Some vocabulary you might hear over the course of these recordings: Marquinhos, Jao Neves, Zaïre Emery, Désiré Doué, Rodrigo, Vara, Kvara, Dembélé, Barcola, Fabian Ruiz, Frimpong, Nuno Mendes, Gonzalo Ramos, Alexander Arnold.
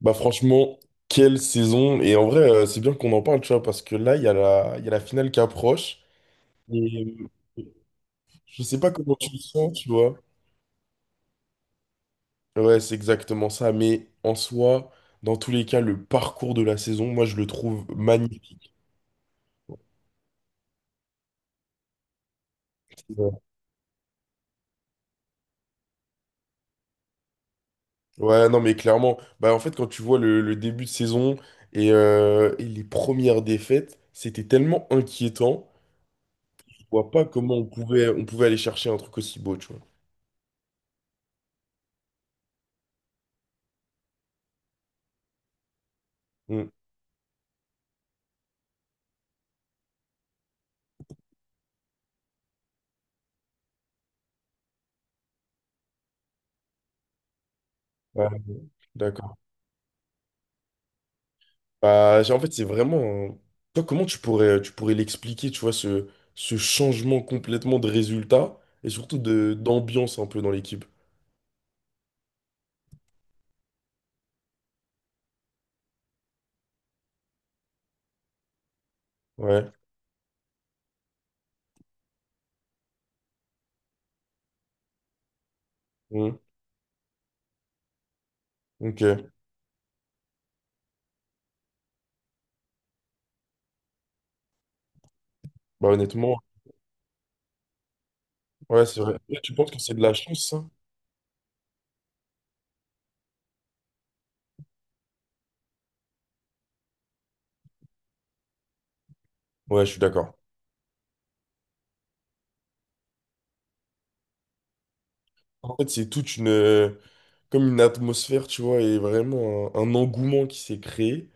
Bah franchement, quelle saison! Et en vrai, c'est bien qu'on en parle, tu vois, parce que là, il y a la finale qui approche. Et euh, je sais pas comment tu le sens, tu vois. Ouais, c'est exactement ça. Mais en soi, dans tous les cas, le parcours de la saison, moi, je le trouve magnifique. Ouais, ouais, non, mais clairement, bah en fait, quand tu vois le début de saison et les premières défaites, c'était tellement inquiétant. Je vois pas comment on pouvait aller chercher un truc aussi beau, tu vois. Mm. Ouais, d'accord. Bah, en fait, c'est vraiment. Toi, comment tu pourrais l'expliquer, tu vois, ce changement complètement de résultat et surtout de d'ambiance un peu dans l'équipe? Ouais. Mhm. Ok. Bah, honnêtement, ouais, c'est vrai. Et tu penses que c'est de la chance, ça? Ouais, je suis d'accord. En fait, c'est toute une. Comme une atmosphère, tu vois, et vraiment un engouement qui s'est créé.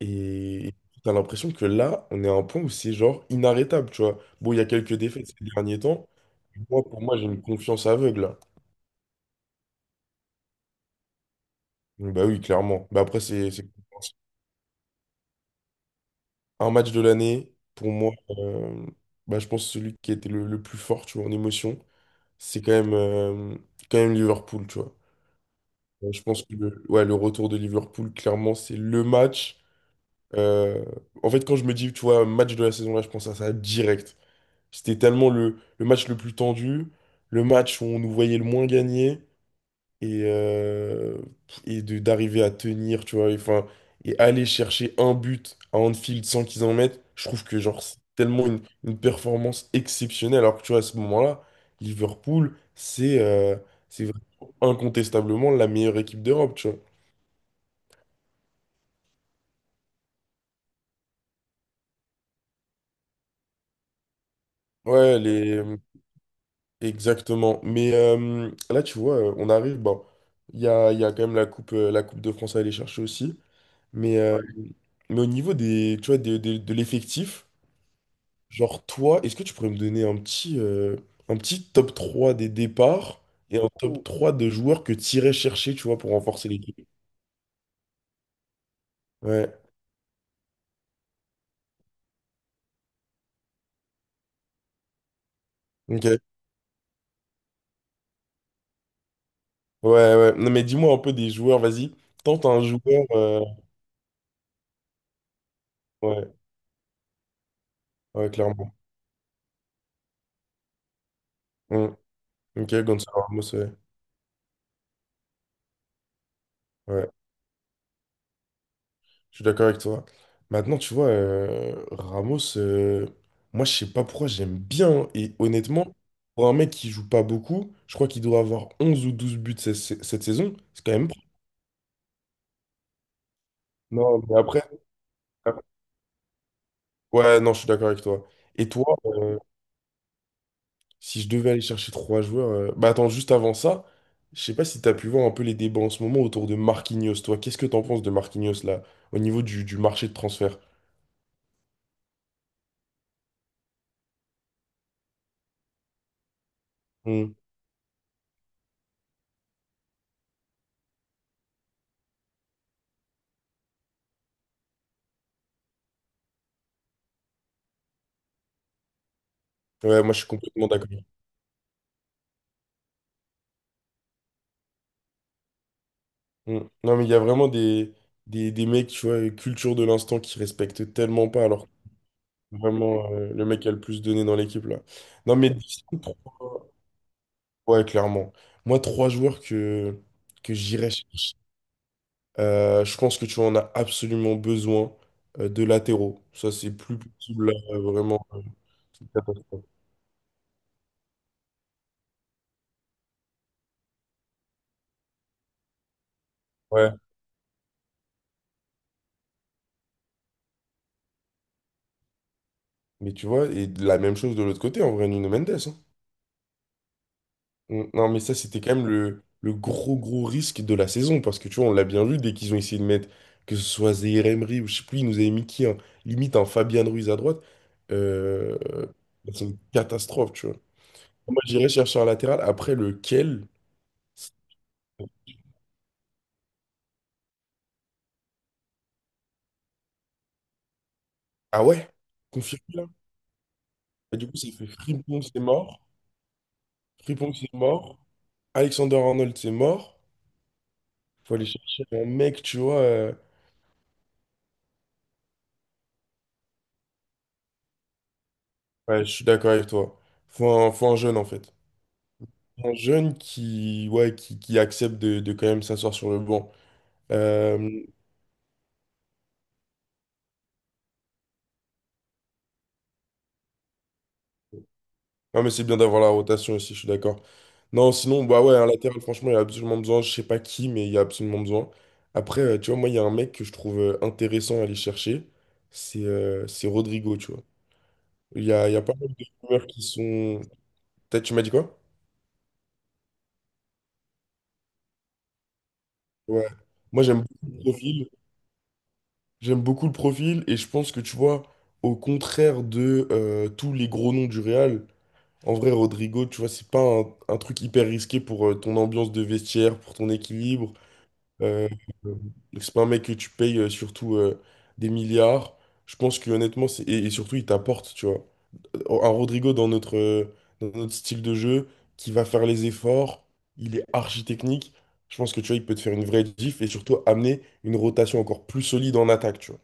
Et t'as l'impression que là, on est à un point où c'est genre inarrêtable, tu vois. Bon, il y a quelques défaites ces derniers temps. Moi, pour moi, j'ai une confiance aveugle. Bah oui, clairement. Bah après, c'est compréhensible. Un match de l'année. Pour moi, bah, je pense que celui qui était le plus fort, tu vois, en émotion, c'est quand même Liverpool, tu vois. Je pense que le, ouais, le retour de Liverpool, clairement, c'est le match. euh, En fait, quand je me dis, tu vois, match de la saison, là, je pense à ça direct. C'était tellement le match le plus tendu, le match où on nous voyait le moins gagner. et, euh, et de d'arriver à tenir, tu vois, et, enfin, et aller chercher un but à Anfield sans qu'ils en mettent, je trouve que genre c'est tellement une performance exceptionnelle, alors que tu vois, à ce moment-là, Liverpool, c'est vraiment incontestablement la meilleure équipe d'Europe, tu vois. Ouais, exactement. Mais là, tu vois, on arrive, bon, il y a quand même la coupe, de France à aller chercher aussi, mais, euh, mais au niveau des, tu vois, de l'effectif. Genre, toi, est-ce que tu pourrais me donner un petit top 3 des départs et un top trois de joueurs que tu irais chercher, tu vois, pour renforcer l'équipe? Ouais. Ok. Ouais, ouais. Non, mais dis-moi un peu des joueurs, vas-y. Tente un joueur. Ouais, ouais, clairement. Mm. Ok, Gonzalo Ramos, ouais. Ouais, je suis d'accord avec toi. Maintenant, tu vois, Ramos, moi, je sais pas pourquoi j'aime bien. Hein, et honnêtement, pour un mec qui joue pas beaucoup, je crois qu'il doit avoir 11 ou 12 buts cette saison. C'est quand même. Non, mais après, après- ouais, non, je suis d'accord avec toi. Et toi, si je devais aller chercher trois joueurs, bah attends, juste avant ça, je sais pas si t'as pu voir un peu les débats en ce moment autour de Marquinhos. Toi, qu'est-ce que t'en penses de Marquinhos là, au niveau du marché de transfert? Hmm. Ouais, moi je suis complètement d'accord. Hmm. Non, mais il y a vraiment des mecs, tu vois, culture de l'instant qui respectent tellement pas, alors que vraiment le mec a le plus donné dans l'équipe là. Non, mais ouais, clairement. Moi, trois joueurs que j'irais chercher. Je pense que tu en as absolument besoin de latéraux. Ça, c'est plus possible, là, vraiment. C'est une catastrophe. Ouais. Mais tu vois, et de la même chose de l'autre côté, en vrai, Nuno Mendes. Hein. Non, mais ça, c'était quand même le, gros, gros risque de la saison. Parce que tu vois, on l'a bien vu, dès qu'ils ont essayé de mettre, que ce soit Zaïre Emery ou je sais plus, ils nous avaient mis qui, hein, limite un Fabian Ruiz à droite. euh, c'est une catastrophe, tu vois. Moi, j'irais chercher un latéral. Après, lequel? Ah ouais? Confirmé. Et du coup, ça fait Frimpong, c'est mort. Frimpong, c'est mort. Alexander Arnold, c'est mort. Faut aller chercher un mec, tu vois. Ouais, je suis d'accord avec toi. Faut un jeune, en fait. Un jeune qui, ouais, qui accepte de quand même s'asseoir sur le banc. Euh... Non, mais c'est bien d'avoir la rotation aussi, je suis d'accord. Non, sinon, bah ouais, un latéral, franchement, il y a absolument besoin. Je sais pas qui, mais il y a absolument besoin. Après, tu vois, moi, il y a un mec que je trouve intéressant à aller chercher. C'est Rodrigo, tu vois. Il y a pas mal de rumeurs qui sont. T'as tu m'as dit quoi? Ouais. Moi, j'aime beaucoup le profil. J'aime beaucoup le profil et je pense que tu vois, au contraire de tous les gros noms du Real, en vrai, Rodrigo, tu vois, c'est pas un truc hyper risqué pour ton ambiance de vestiaire, pour ton équilibre. Euh, euh, c'est pas un mec que tu payes surtout des milliards. Je pense que honnêtement, c'est- et surtout, il t'apporte, tu vois. Un Rodrigo dans notre style de jeu, qui va faire les efforts, il est archi technique. Je pense que tu vois, il peut te faire une vraie diff et surtout amener une rotation encore plus solide en attaque, tu vois.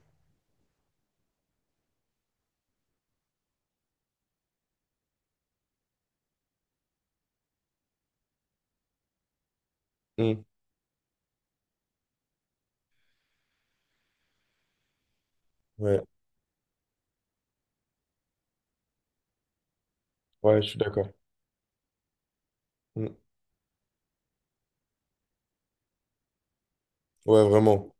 Mm. Ouais, ouais, je suis d'accord. Mm. Ouais, vraiment.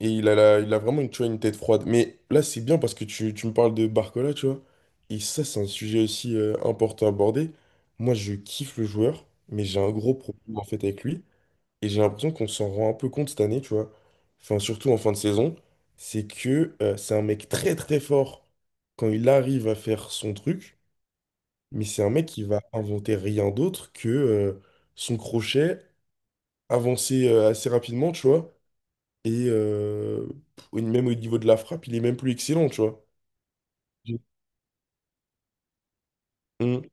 Et il a, il a vraiment une, tu vois, une tête froide. Mais là, c'est bien parce que tu me parles de Barcola, tu vois. Et ça, c'est un sujet aussi important à aborder. Moi, je kiffe le joueur, mais j'ai un gros problème en fait avec lui. Et j'ai l'impression qu'on s'en rend un peu compte cette année, tu vois. Enfin, surtout en fin de saison. C'est que c'est un mec très très fort quand il arrive à faire son truc. Mais c'est un mec qui va inventer rien d'autre que son crochet, avancer assez rapidement, tu vois. Et même au niveau de la frappe, il est même plus excellent, tu vois. Mm.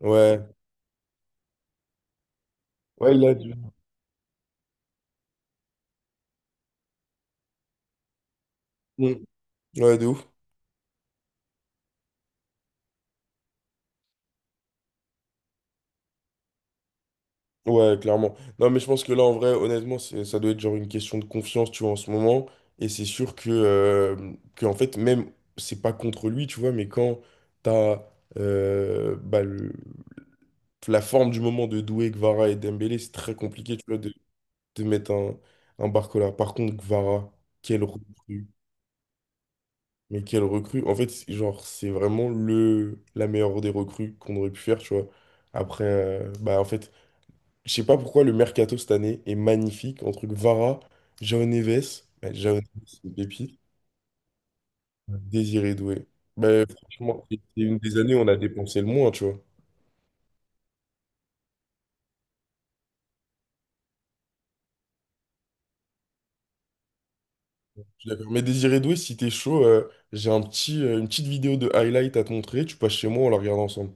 Ouais. Ouais, il a du- Mm. Ouais, de ouf. Ouais, clairement. Non, mais je pense que là, en vrai, honnêtement, c'est- ça doit être genre une question de confiance, tu vois, en ce moment. Et c'est sûr que, en fait, même, c'est pas contre lui, tu vois, mais quand t'as bah, la forme du moment de Doué, Kvara et Dembélé, c'est très compliqué, tu vois, de mettre un Barcola. Par contre, Kvara, quel recrue. Mais quelle recrue. En fait, c'est- genre, c'est vraiment le la meilleure des recrues qu'on aurait pu faire, tu vois. Après, bah en fait, je sais pas pourquoi le mercato cette année est magnifique. Entre Vara, Jao Neves, bah, Jao Neves, c'est une pépite, Désiré Doué. Bah, franchement, c'est une des années où on a dépensé le moins, tu vois. Je suis d'accord. Mais Désiré Doué, si t'es chaud, j'ai un petit, une petite vidéo de highlight à te montrer. Tu passes chez moi, on la regarde ensemble.